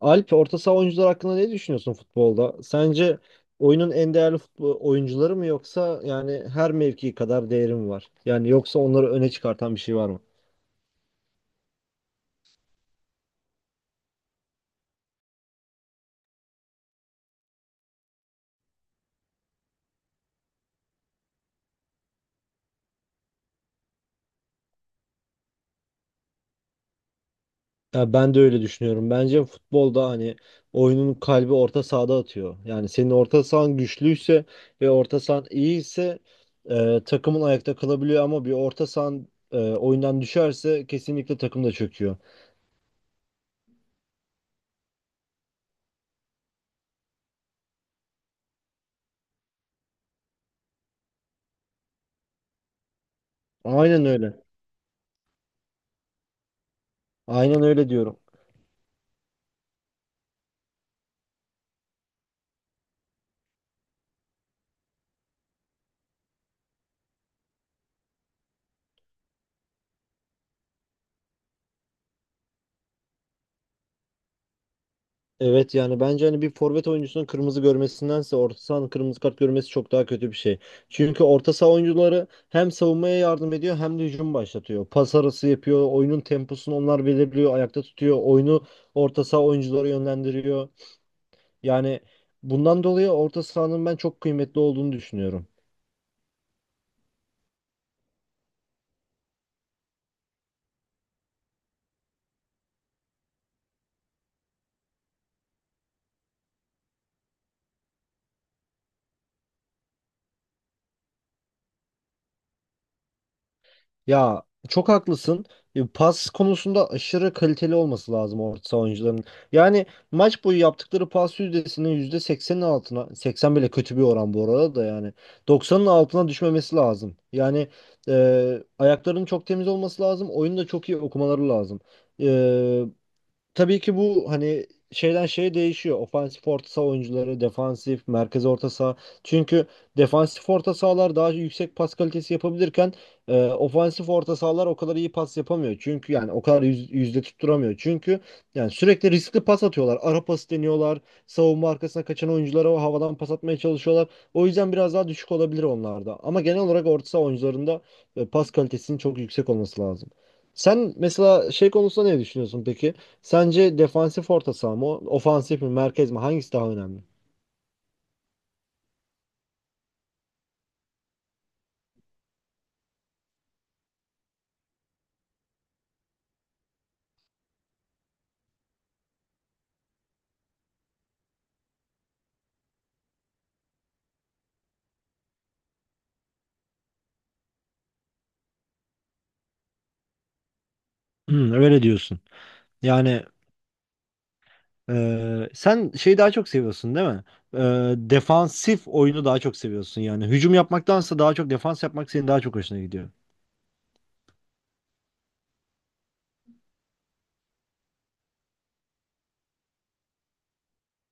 Alp, orta saha oyuncular hakkında ne düşünüyorsun futbolda? Sence oyunun en değerli futbol oyuncuları mı yoksa yani her mevki kadar değeri mi var? Yani yoksa onları öne çıkartan bir şey var mı? Ya ben de öyle düşünüyorum. Bence futbolda hani oyunun kalbi orta sahada atıyor. Yani senin orta sahan güçlüyse ve orta sahan iyiyse takımın ayakta kalabiliyor ama bir orta sahan oyundan düşerse kesinlikle takım da çöküyor. Aynen öyle. Aynen öyle diyorum. Evet yani bence hani bir forvet oyuncusunun kırmızı görmesindense orta sahanın kırmızı kart görmesi çok daha kötü bir şey. Çünkü orta saha oyuncuları hem savunmaya yardım ediyor hem de hücum başlatıyor. Pas arası yapıyor, oyunun temposunu onlar belirliyor, ayakta tutuyor, oyunu orta saha oyuncuları yönlendiriyor. Yani bundan dolayı orta sahanın ben çok kıymetli olduğunu düşünüyorum. Ya çok haklısın. Pas konusunda aşırı kaliteli olması lazım orta saha oyuncularının. Yani maç boyu yaptıkları pas yüzdesinin %80'in altına, 80 bile kötü bir oran bu arada da yani 90'ın altına düşmemesi lazım. Yani ayaklarının çok temiz olması lazım. Oyunu da çok iyi okumaları lazım. E, tabii ki bu hani şeyden şeye değişiyor. Ofansif orta saha oyuncuları, defansif, merkez orta saha. Çünkü defansif orta sahalar daha yüksek pas kalitesi yapabilirken ofansif orta sahalar o kadar iyi pas yapamıyor. Çünkü yani o kadar yüzde tutturamıyor. Çünkü yani sürekli riskli pas atıyorlar. Ara pas deniyorlar. Savunma arkasına kaçan oyunculara o havadan pas atmaya çalışıyorlar. O yüzden biraz daha düşük olabilir onlarda. Ama genel olarak orta saha oyuncularında pas kalitesinin çok yüksek olması lazım. Sen mesela şey konusunda ne düşünüyorsun peki? Sence defansif orta saha mı, ofansif mi, merkez mi? Hangisi daha önemli? Hmm, öyle diyorsun. Yani sen şeyi daha çok seviyorsun değil mi? E, defansif oyunu daha çok seviyorsun yani. Hücum yapmaktansa daha çok defans yapmak senin daha çok hoşuna gidiyor.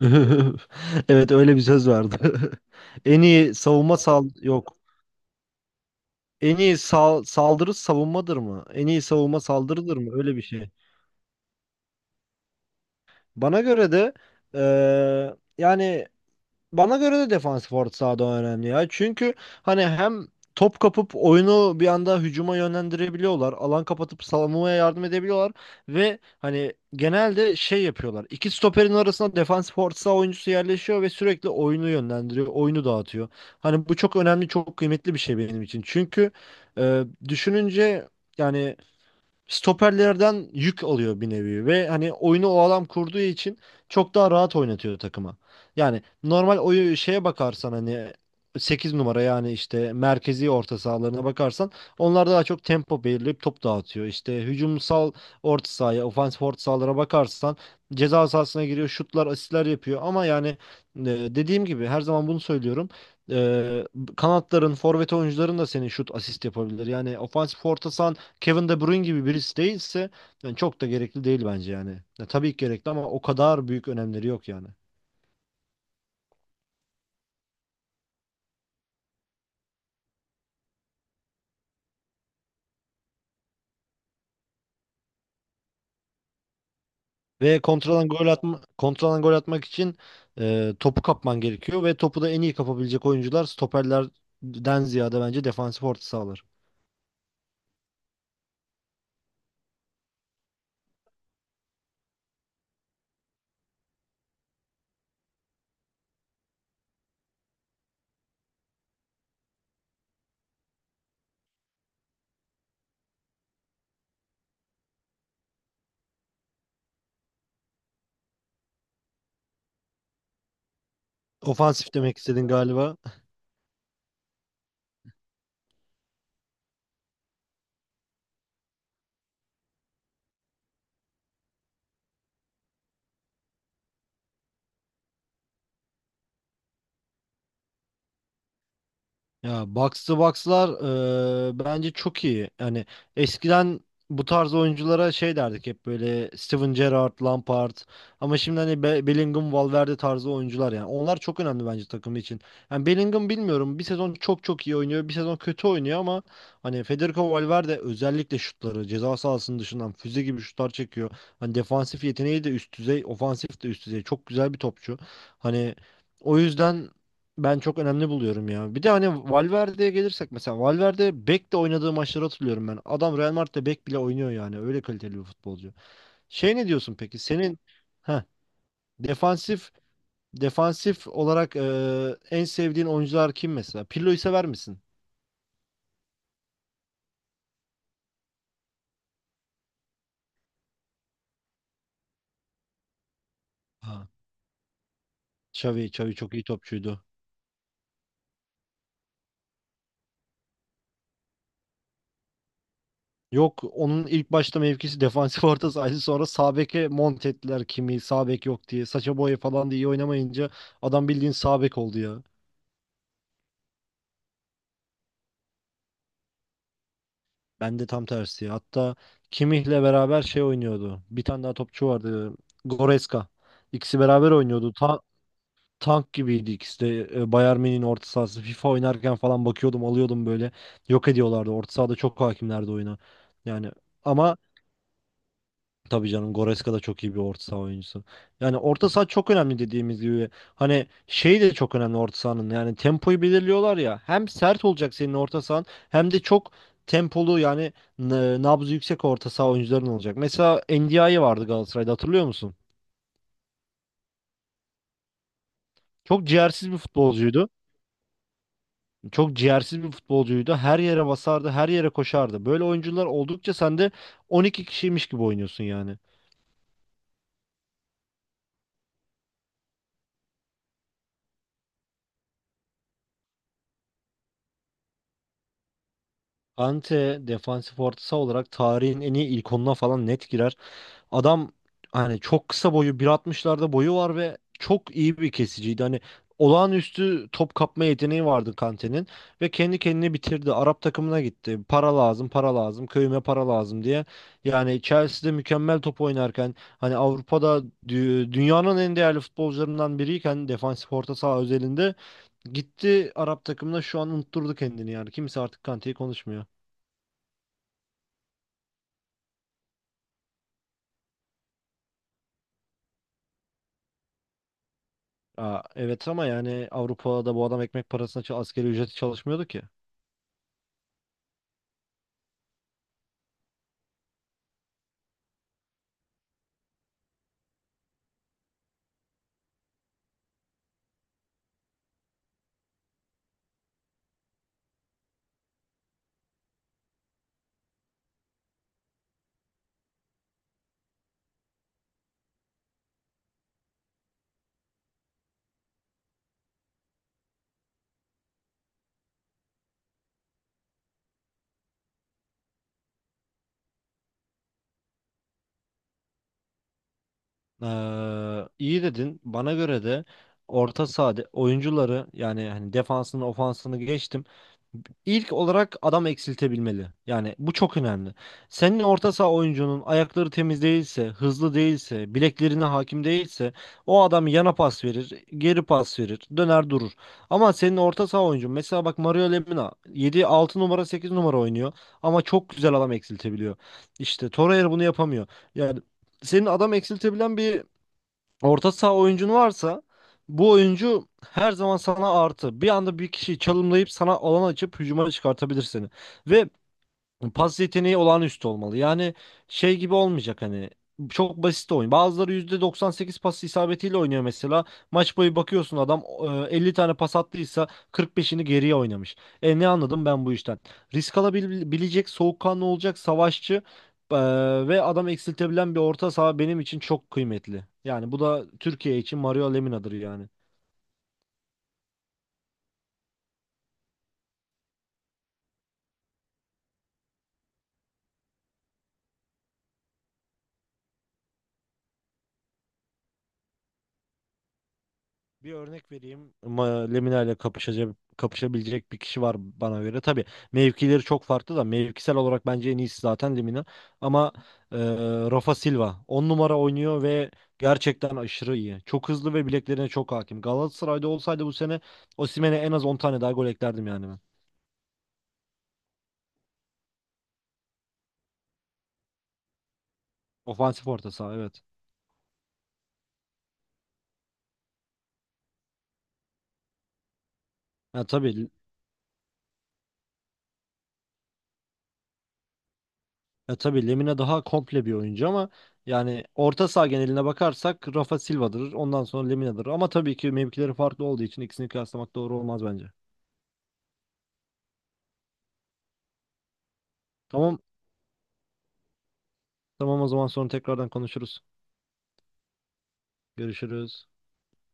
Evet öyle bir söz vardı. En iyi savunma sal yok. En iyi saldırı savunmadır mı? En iyi savunma saldırıdır mı? Öyle bir şey. Bana göre de e, yani bana göre de defansif orta sahada önemli ya. Çünkü hani hem top kapıp oyunu bir anda hücuma yönlendirebiliyorlar. Alan kapatıp savunmaya yardım edebiliyorlar. Ve hani genelde şey yapıyorlar. İki stoperin arasına defansif orta saha oyuncusu yerleşiyor ve sürekli oyunu yönlendiriyor. Oyunu dağıtıyor. Hani bu çok önemli, çok kıymetli bir şey benim için. Çünkü e, düşününce yani stoperlerden yük alıyor bir nevi ve hani oyunu o adam kurduğu için çok daha rahat oynatıyor takıma. Yani normal oyu şeye bakarsan hani 8 numara yani işte merkezi orta sahalarına bakarsan onlar daha çok tempo belirleyip top dağıtıyor. İşte hücumsal orta sahaya, ofansif orta sahalara bakarsan ceza sahasına giriyor, şutlar, asistler yapıyor ama yani dediğim gibi her zaman bunu söylüyorum. E, kanatların, forvet oyuncuların da senin şut asist yapabilir. Yani ofansif orta saha Kevin De Bruyne gibi birisi değilse yani çok da gerekli değil bence yani. Ya, tabii ki gerekli ama o kadar büyük önemleri yok yani. Ve kontradan gol atma, kontradan gol atmak için topu kapman gerekiyor ve topu da en iyi kapabilecek oyuncular stoperlerden ziyade bence defansif orta sahalar. Ofansif demek istedin galiba. Ya box to box'lar bence çok iyi. Yani eskiden bu tarz oyunculara şey derdik hep böyle Steven Gerrard, Lampard ama şimdi hani Bellingham, Valverde tarzı oyuncular yani. Onlar çok önemli bence takım için. Yani Bellingham bilmiyorum bir sezon çok çok iyi oynuyor, bir sezon kötü oynuyor ama hani Federico Valverde özellikle şutları ceza sahasının dışından füze gibi şutlar çekiyor. Hani defansif yeteneği de üst düzey, ofansif de üst düzey. Çok güzel bir topçu. Hani o yüzden ben çok önemli buluyorum ya. Bir de hani Valverde'ye gelirsek mesela Valverde bek de oynadığı maçları hatırlıyorum ben. Adam Real Madrid'de bek bile oynuyor yani. Öyle kaliteli bir futbolcu. Şey ne diyorsun peki? Senin ha, defansif defansif olarak en sevdiğin oyuncular kim mesela? Pirlo'yu sever misin? Ha. Xavi çok iyi topçuydu. Yok onun ilk başta mevkisi defansif orta sahaydı. Sonra sağ beke mont ettiler kimi sağ bek yok diye. Saça boya falan diye iyi oynamayınca adam bildiğin sağ bek oldu ya. Ben de tam tersi. Hatta Kimmich'le beraber şey oynuyordu. Bir tane daha topçu vardı. Goretzka. İkisi beraber oynuyordu. Tank gibiydi ikisi de. Bayern Münih'in orta sahası. FIFA oynarken falan bakıyordum, alıyordum böyle. Yok ediyorlardı. Orta sahada çok hakimlerdi oyuna. Yani ama tabii canım Goretzka da çok iyi bir orta saha oyuncusu. Yani orta saha çok önemli dediğimiz gibi. Hani şey de çok önemli orta sahanın. Yani tempoyu belirliyorlar ya. Hem sert olacak senin orta sahan hem de çok tempolu yani nabzı yüksek orta saha oyuncuların olacak. Mesela Ndiaye vardı Galatasaray'da hatırlıyor musun? Çok ciğersiz bir futbolcuydu. Çok ciğersiz bir futbolcuydu. Her yere basardı, her yere koşardı. Böyle oyuncular oldukça sen de 12 kişiymiş gibi oynuyorsun yani. Ante defansif orta saha olarak tarihin en iyi ilk onuna falan net girer. Adam hani çok kısa boyu bir altmışlarda boyu var ve çok iyi bir kesiciydi. Hani olağanüstü top kapma yeteneği vardı Kante'nin ve kendi kendini bitirdi. Arap takımına gitti. Para lazım, para lazım, köyüme para lazım diye. Yani Chelsea'de mükemmel top oynarken hani Avrupa'da dünyanın en değerli futbolcularından biriyken defansif orta saha özelinde gitti Arap takımına şu an unutturdu kendini yani. Kimse artık Kante'yi konuşmuyor. Aa, evet ama yani Avrupa'da bu adam ekmek parasına asgari ücreti çalışmıyordu ki. İyi dedin. Bana göre de orta sahada oyuncuları yani hani defansını ofansını geçtim. İlk olarak adam eksiltebilmeli. Yani bu çok önemli. Senin orta saha oyuncunun ayakları temiz değilse, hızlı değilse, bileklerine hakim değilse o adam yana pas verir, geri pas verir, döner durur. Ama senin orta saha oyuncun mesela bak Mario Lemina 7 6 numara 8 numara oynuyor ama çok güzel adam eksiltebiliyor. İşte Torreira bunu yapamıyor. Yani senin adam eksiltebilen bir orta saha oyuncun varsa bu oyuncu her zaman sana artı. Bir anda bir kişiyi çalımlayıp sana alan açıp hücuma çıkartabilir seni. Ve pas yeteneği olağanüstü olmalı. Yani şey gibi olmayacak hani çok basit oyun. Bazıları %98 pas isabetiyle oynuyor mesela. Maç boyu bakıyorsun adam 50 tane pas attıysa 45'ini geriye oynamış. E ne anladım ben bu işten? Risk alabilecek, soğukkanlı olacak, savaşçı e, ve adam eksiltebilen bir orta saha benim için çok kıymetli. Yani bu da Türkiye için Mario Lemina'dır yani. Bir örnek vereyim. Lemina ile kapışacak, kapışabilecek bir kişi var bana göre. Tabii mevkileri çok farklı da mevkisel olarak bence en iyisi zaten Lemina. Ama e, Rafa Silva 10 numara oynuyor ve gerçekten aşırı iyi. Çok hızlı ve bileklerine çok hakim. Galatasaray'da olsaydı bu sene Osimhen'e en az 10 tane daha gol eklerdim yani ben. Ofansif orta saha evet. Ha, tabii. Ya tabii Lemina daha komple bir oyuncu ama yani orta saha geneline bakarsak Rafa Silva'dır. Ondan sonra Lemina'dır. Ama tabii ki mevkileri farklı olduğu için ikisini kıyaslamak doğru olmaz bence. Tamam. Tamam o zaman sonra tekrardan konuşuruz. Görüşürüz.